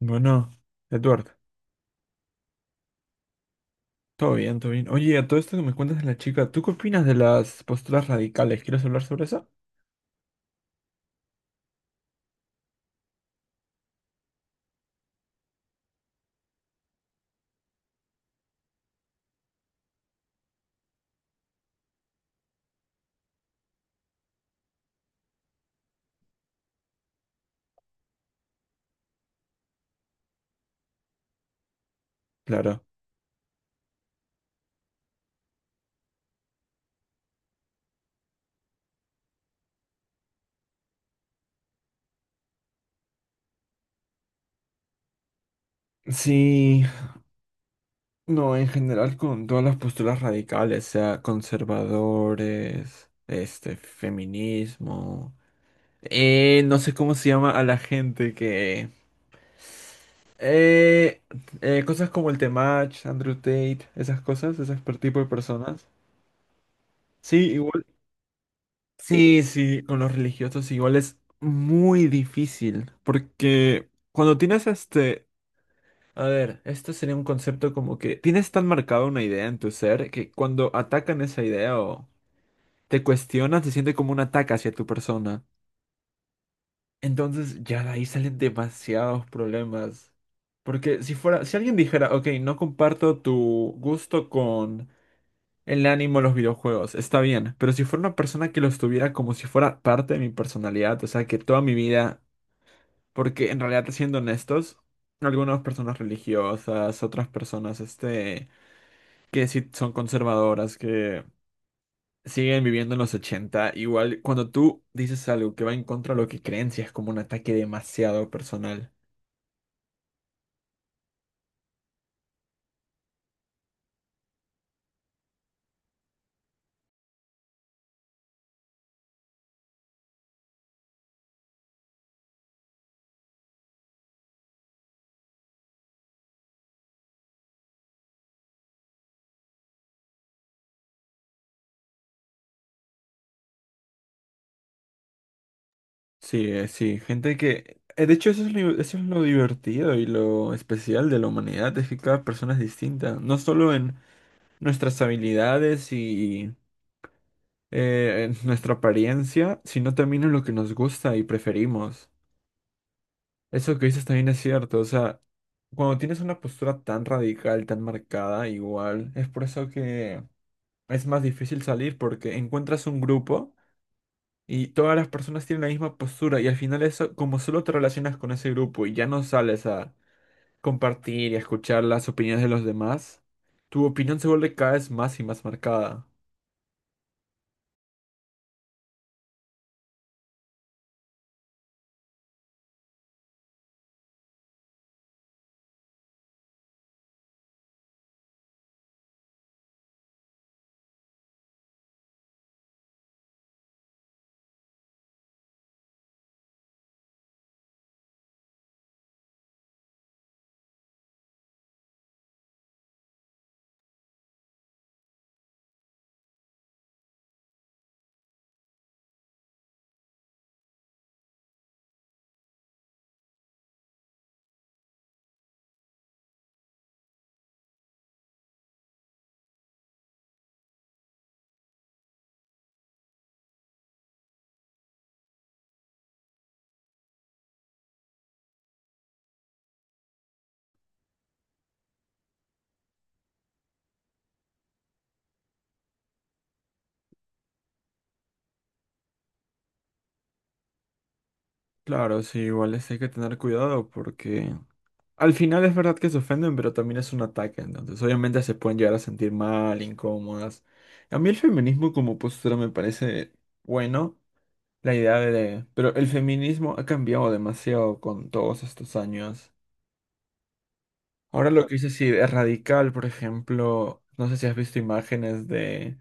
Bueno, Edward, todo bien, todo bien. Oye, a todo esto que me cuentas de la chica, ¿tú qué opinas de las posturas radicales? ¿Quieres hablar sobre eso? Claro. Sí, no, en general con todas las posturas radicales, sea conservadores, feminismo, no sé cómo se llama a la gente que... Eh, cosas como el Temach, Andrew Tate, esas cosas, ese tipo de personas. Sí, igual. Sí, sí, con los religiosos igual es muy difícil, porque cuando tienes a ver, este sería un concepto como que tienes tan marcada una idea en tu ser que cuando atacan esa idea o te cuestionan se siente como un ataque hacia tu persona. Entonces ya de ahí salen demasiados problemas, porque si alguien dijera, ok, no comparto tu gusto con el ánimo a los videojuegos, está bien, pero si fuera una persona que los tuviera como si fuera parte de mi personalidad, o sea, que toda mi vida, porque en realidad, siendo honestos, algunas personas religiosas, otras personas, que sí son conservadoras, que siguen viviendo en los 80 igual cuando tú dices algo que va en contra de lo que creen, sí es como un ataque demasiado personal. Sí, sí, De hecho, eso es lo divertido y lo especial de la humanidad, es que cada persona es distinta, no solo en nuestras habilidades y nuestra apariencia, sino también en lo que nos gusta y preferimos. Eso que dices también es cierto, o sea, cuando tienes una postura tan radical, tan marcada, igual, es por eso que es más difícil salir porque encuentras un grupo y todas las personas tienen la misma postura y al final eso, como solo te relacionas con ese grupo y ya no sales a compartir y a escuchar las opiniones de los demás, tu opinión se vuelve cada vez más y más marcada. Claro, sí, hay que tener cuidado porque al final es verdad que se ofenden, pero también es un ataque, entonces obviamente se pueden llegar a sentir mal, incómodas. A mí el feminismo como postura me parece bueno, la idea de... Pero el feminismo ha cambiado demasiado con todos estos años. Ahora lo que hice sí es radical, por ejemplo, no sé si has visto imágenes de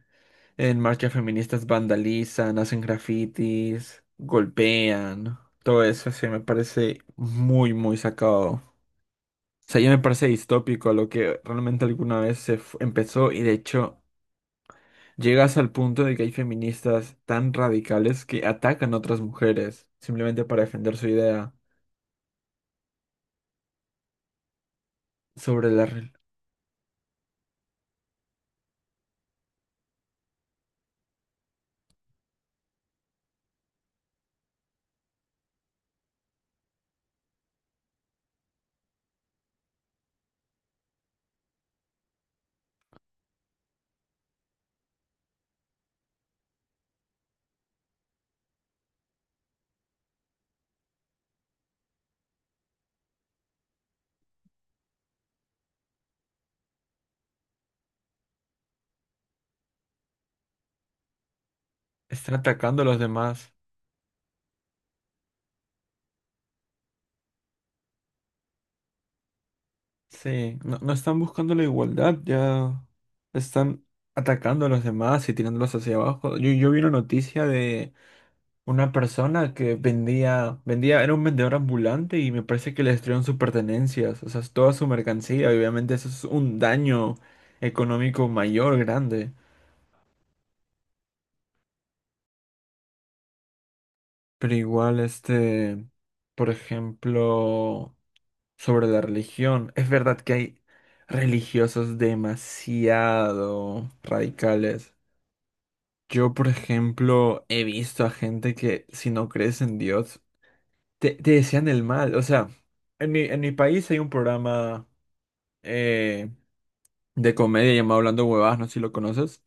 en marchas feministas vandalizan, hacen grafitis, golpean. Todo eso se me parece muy, muy sacado. O sea, ya me parece distópico lo que realmente alguna vez empezó, y de hecho llegas al punto de que hay feministas tan radicales que atacan a otras mujeres simplemente para defender su idea sobre la... re- Están atacando a los demás. Sí, no, no están buscando la igualdad, ya están atacando a los demás y tirándolos hacia abajo. Yo vi una noticia de una persona que vendía, era un vendedor ambulante y me parece que le destruyeron sus pertenencias, o sea, toda su mercancía, y obviamente eso es un daño económico mayor, grande. Pero igual, por ejemplo, sobre la religión, es verdad que hay religiosos demasiado radicales. Yo, por ejemplo, he visto a gente que si no crees en Dios, te desean el mal. O sea, en mi país hay un programa eh, de comedia llamado Hablando Huevadas, no sé si lo conoces.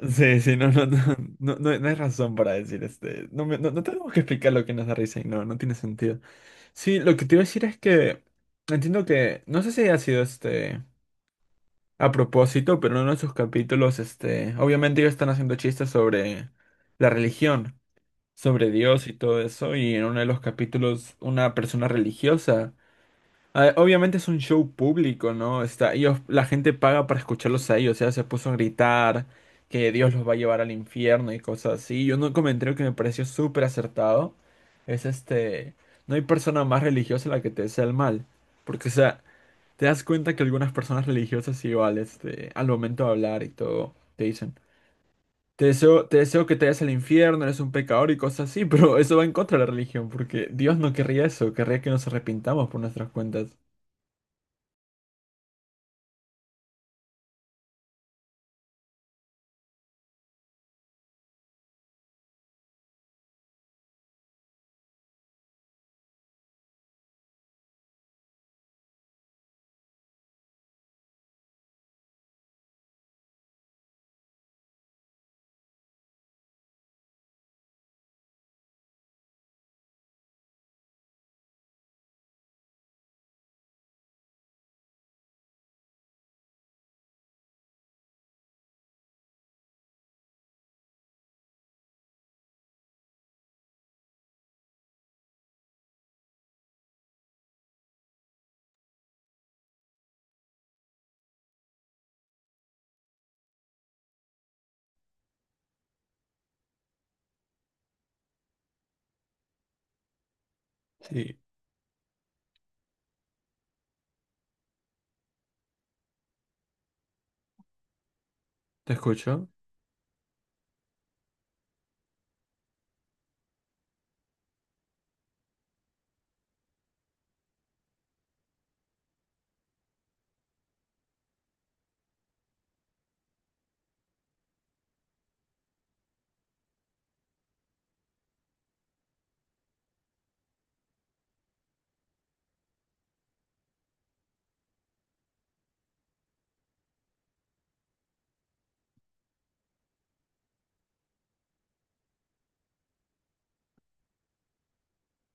Sí, sí, no, no, no, no, no hay razón para decir este. No, no, no tenemos que explicar lo que nos da risa y no, no tiene sentido. Sí, lo que te iba a decir es que entiendo que, no sé si ha sido este, a propósito, pero en uno de sus capítulos, este, obviamente ellos están haciendo chistes sobre la religión, sobre Dios y todo eso, y en uno de los capítulos una persona religiosa. Ah, obviamente es un show público, ¿no? Está, ellos, la gente paga para escucharlos a ellos, o sea, se puso a gritar que Dios los va a llevar al infierno y cosas así. Y un comentario que me pareció súper acertado es este, no hay persona más religiosa a la que te desea el mal, porque, o sea, te das cuenta que algunas personas religiosas igual, este, al momento de hablar y todo, te dicen. Te deseo que te vayas al infierno, eres un pecador y cosas así, pero eso va en contra de la religión, porque Dios no querría eso, querría que nos arrepintamos por nuestras cuentas. Sí, ¿te escucho?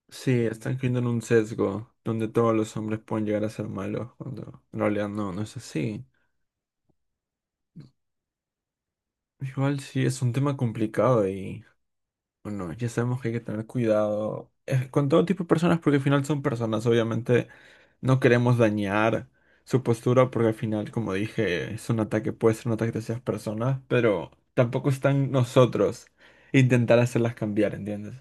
Sí, están cayendo en un sesgo donde todos los hombres pueden llegar a ser malos, cuando en realidad no, no es así. Igual sí, es un tema complicado y. Bueno, ya sabemos que hay que tener cuidado con todo tipo de personas porque al final son personas, obviamente no queremos dañar su postura porque al final, como dije, es un ataque, puede ser un ataque hacia esas personas, pero tampoco están nosotros intentar hacerlas cambiar, ¿entiendes?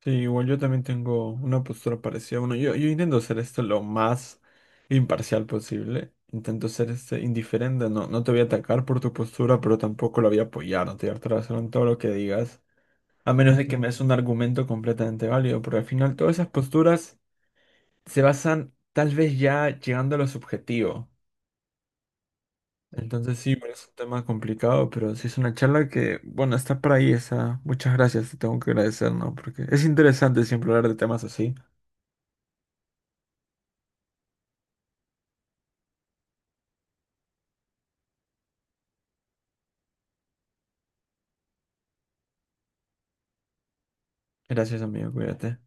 Sí, igual yo también tengo una postura parecida. Bueno, yo intento hacer esto lo más imparcial posible. Intento ser este indiferente. No, no te voy a atacar por tu postura, pero tampoco la voy a apoyar. No te voy a hacer en todo lo que digas. A menos de que me des un argumento completamente válido, porque al final todas esas posturas se basan tal vez ya llegando a lo subjetivo. Entonces sí, bueno, es un tema complicado, pero sí es una charla que, bueno, está por ahí esa. Muchas gracias, te tengo que agradecer, ¿no? Porque es interesante siempre hablar de temas así. Gracias, amigo, cuídate.